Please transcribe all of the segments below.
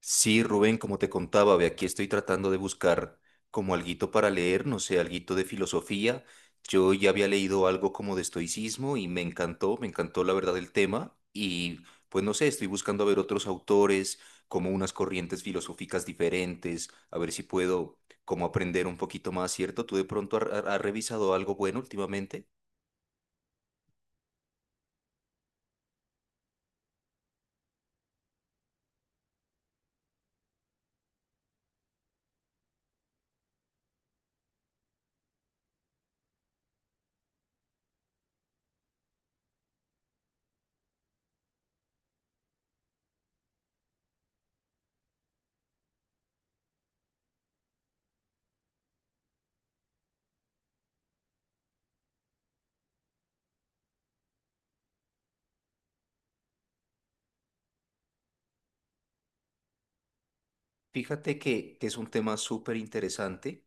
Sí, Rubén, como te contaba, ve aquí estoy tratando de buscar como alguito para leer, no sé, alguito de filosofía. Yo ya había leído algo como de estoicismo y me encantó la verdad el tema y pues no sé, estoy buscando a ver otros autores, como unas corrientes filosóficas diferentes, a ver si puedo como aprender un poquito más, ¿cierto? ¿Tú de pronto has revisado algo bueno últimamente? Fíjate que es un tema súper interesante,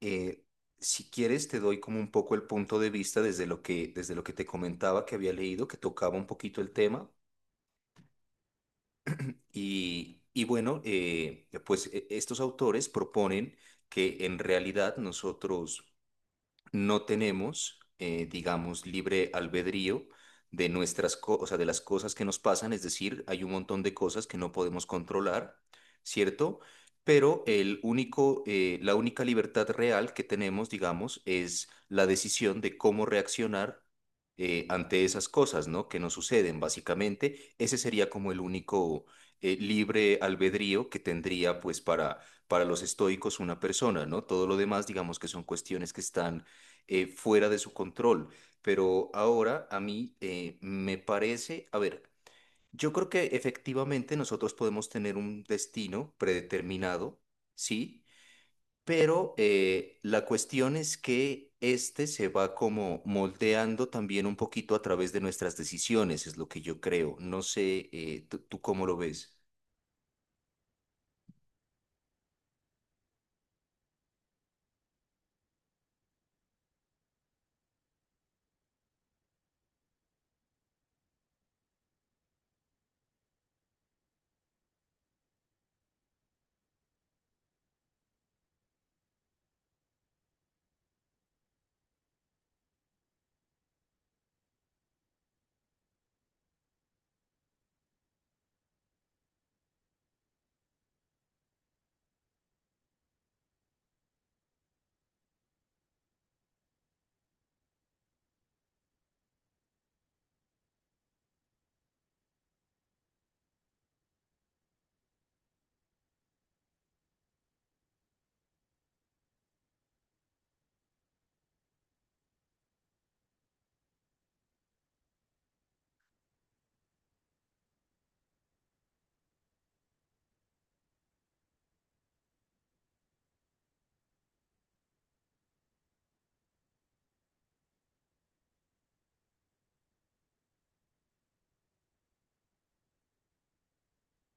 eh, si quieres, te doy como un poco el punto de vista desde lo que te comentaba que había leído, que tocaba un poquito el tema. Y bueno, pues estos autores proponen que en realidad nosotros no tenemos, digamos, libre albedrío de nuestras cosas, de las cosas que nos pasan, es decir, hay un montón de cosas que no podemos controlar, ¿cierto? Pero el único, la única libertad real que tenemos, digamos, es la decisión de cómo reaccionar ante esas cosas, ¿no? Que nos suceden, básicamente. Ese sería como el único, libre albedrío que tendría, pues, para los estoicos una persona, ¿no? Todo lo demás, digamos que son cuestiones que están, fuera de su control. Pero ahora a mí, me parece, a ver, yo creo que efectivamente nosotros podemos tener un destino predeterminado, ¿sí? Pero la cuestión es que este se va como moldeando también un poquito a través de nuestras decisiones, es lo que yo creo. No sé, tú ¿cómo lo ves?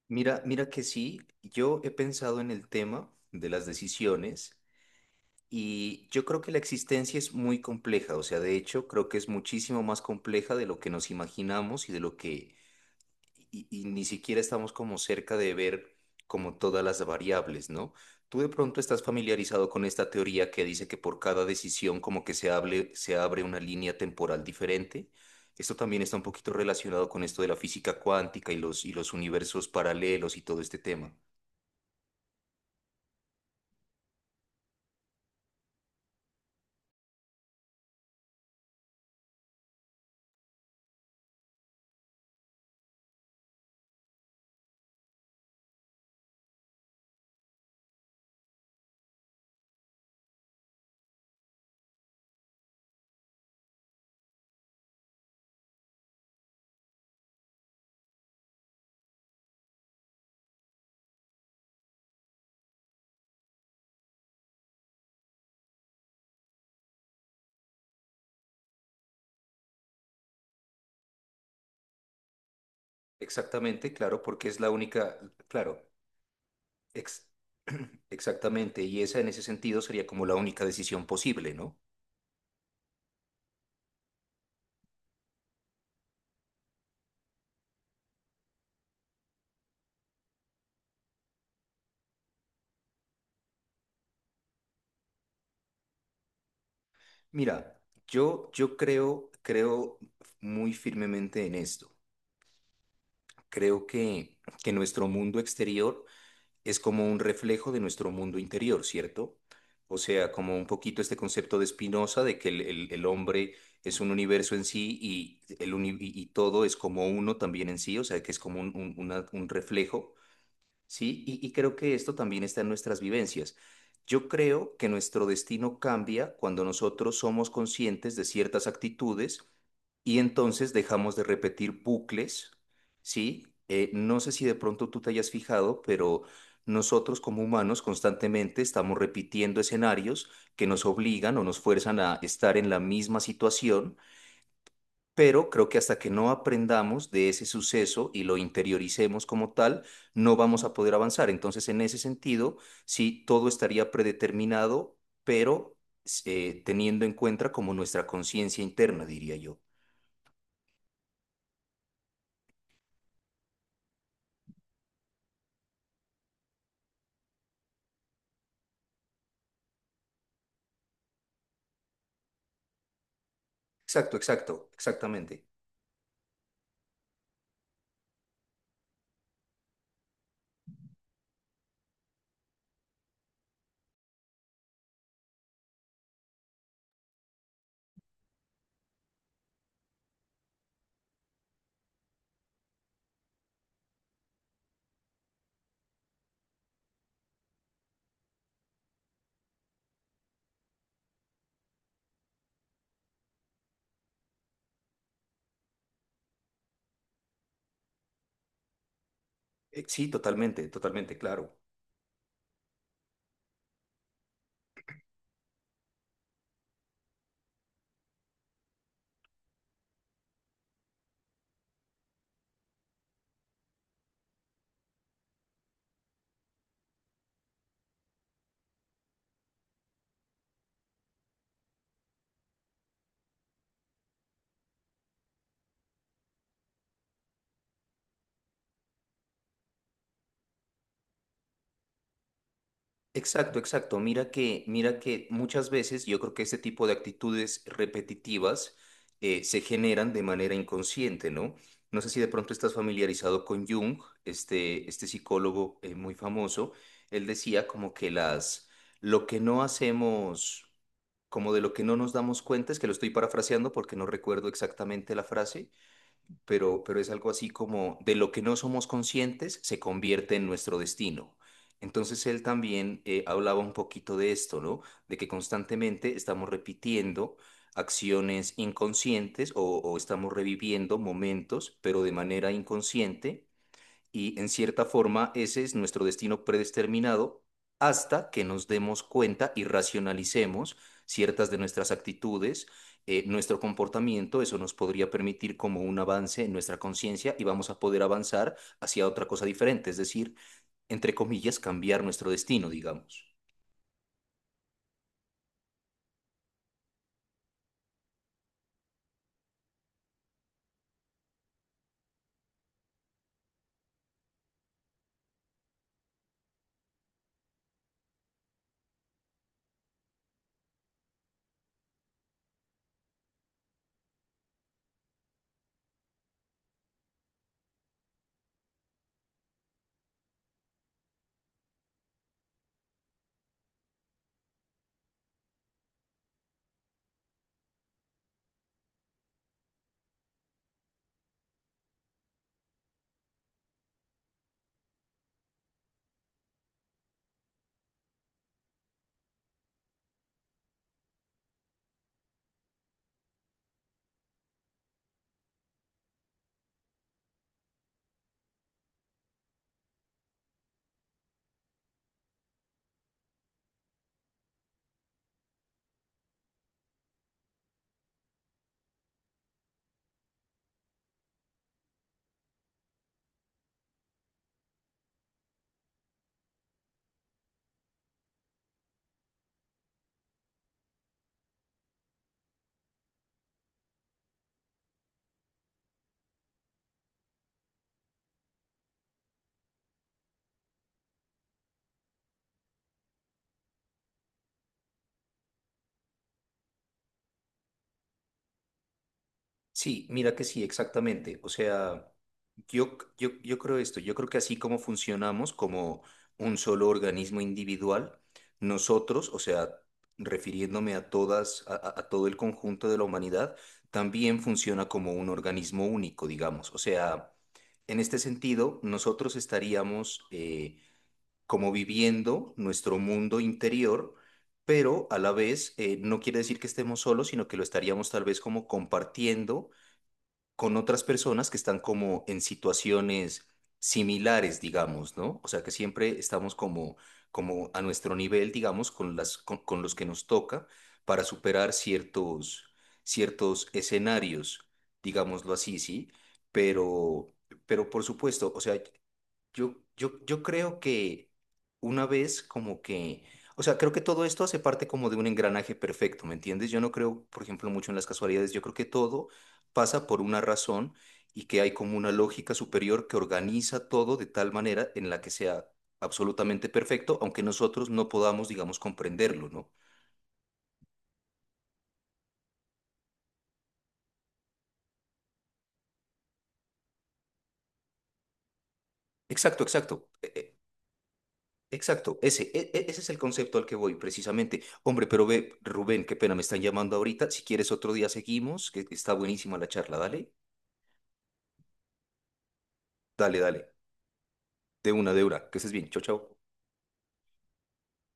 Mira, mira que sí, yo he pensado en el tema de las decisiones. Y yo creo que la existencia es muy compleja, o sea, de hecho, creo que es muchísimo más compleja de lo que nos imaginamos y de lo que y ni siquiera estamos como cerca de ver como todas las variables, ¿no? Tú de pronto estás familiarizado con esta teoría que dice que por cada decisión como que se hable, se abre una línea temporal diferente. Esto también está un poquito relacionado con esto de la física cuántica y los universos paralelos y todo este tema. Exactamente, claro, porque es la única, claro. Ex- Exactamente, y esa en ese sentido sería como la única decisión posible, ¿no? Mira, yo creo, creo muy firmemente en esto. Creo que nuestro mundo exterior es como un reflejo de nuestro mundo interior, ¿cierto? O sea, como un poquito este concepto de Spinoza de que el hombre es un universo en sí y, y todo es como uno también en sí, o sea, que es como un, un reflejo. Sí, y creo que esto también está en nuestras vivencias. Yo creo que nuestro destino cambia cuando nosotros somos conscientes de ciertas actitudes y entonces dejamos de repetir bucles, ¿sí? No sé si de pronto tú te hayas fijado, pero nosotros como humanos constantemente estamos repitiendo escenarios que nos obligan o nos fuerzan a estar en la misma situación, pero creo que hasta que no aprendamos de ese suceso y lo interioricemos como tal, no vamos a poder avanzar. Entonces, en ese sentido, sí, todo estaría predeterminado, pero, teniendo en cuenta como nuestra conciencia interna, diría yo. Exacto, exacto, exactamente. Sí, totalmente, totalmente, claro. Exacto, exacto. Mira que muchas veces yo creo que este tipo de actitudes repetitivas, se generan de manera inconsciente, ¿no? No sé si de pronto estás familiarizado con Jung, este psicólogo, muy famoso. Él decía como que las, lo que no hacemos, como de lo que no nos damos cuenta, es que lo estoy parafraseando porque no recuerdo exactamente la frase, pero es algo así como de lo que no somos conscientes se convierte en nuestro destino. Entonces él también, hablaba un poquito de esto, ¿no? De que constantemente estamos repitiendo acciones inconscientes o estamos reviviendo momentos, pero de manera inconsciente y en cierta forma ese es nuestro destino predeterminado hasta que nos demos cuenta y racionalicemos ciertas de nuestras actitudes, nuestro comportamiento, eso nos podría permitir como un avance en nuestra conciencia y vamos a poder avanzar hacia otra cosa diferente, es decir, entre comillas, cambiar nuestro destino, digamos. Sí, mira que sí, exactamente. O sea, yo creo esto, yo creo que así como funcionamos como un solo organismo individual, nosotros, o sea, refiriéndome a todas, a todo el conjunto de la humanidad, también funciona como un organismo único, digamos. O sea, en este sentido, nosotros estaríamos, como viviendo nuestro mundo interior, pero a la vez, no quiere decir que estemos solos, sino que lo estaríamos tal vez como compartiendo con otras personas que están como en situaciones similares, digamos, ¿no? O sea, que siempre estamos como, como a nuestro nivel, digamos, con las, con los que nos toca para superar ciertos, ciertos escenarios, digámoslo así, ¿sí? Pero, pero por supuesto, o sea, yo creo que una vez como que, o sea, creo que todo esto hace parte como de un engranaje perfecto, ¿me entiendes? Yo no creo, por ejemplo, mucho en las casualidades, yo creo que todo pasa por una razón y que hay como una lógica superior que organiza todo de tal manera en la que sea absolutamente perfecto, aunque nosotros no podamos, digamos, comprenderlo, ¿no? Exacto, exacto. Exacto, ese, ese es el concepto al que voy precisamente. Hombre, pero ve, Rubén, qué pena, me están llamando ahorita. Si quieres otro día seguimos, que está buenísima la charla, dale, dale, dale. De una, que estés bien, chao, chao.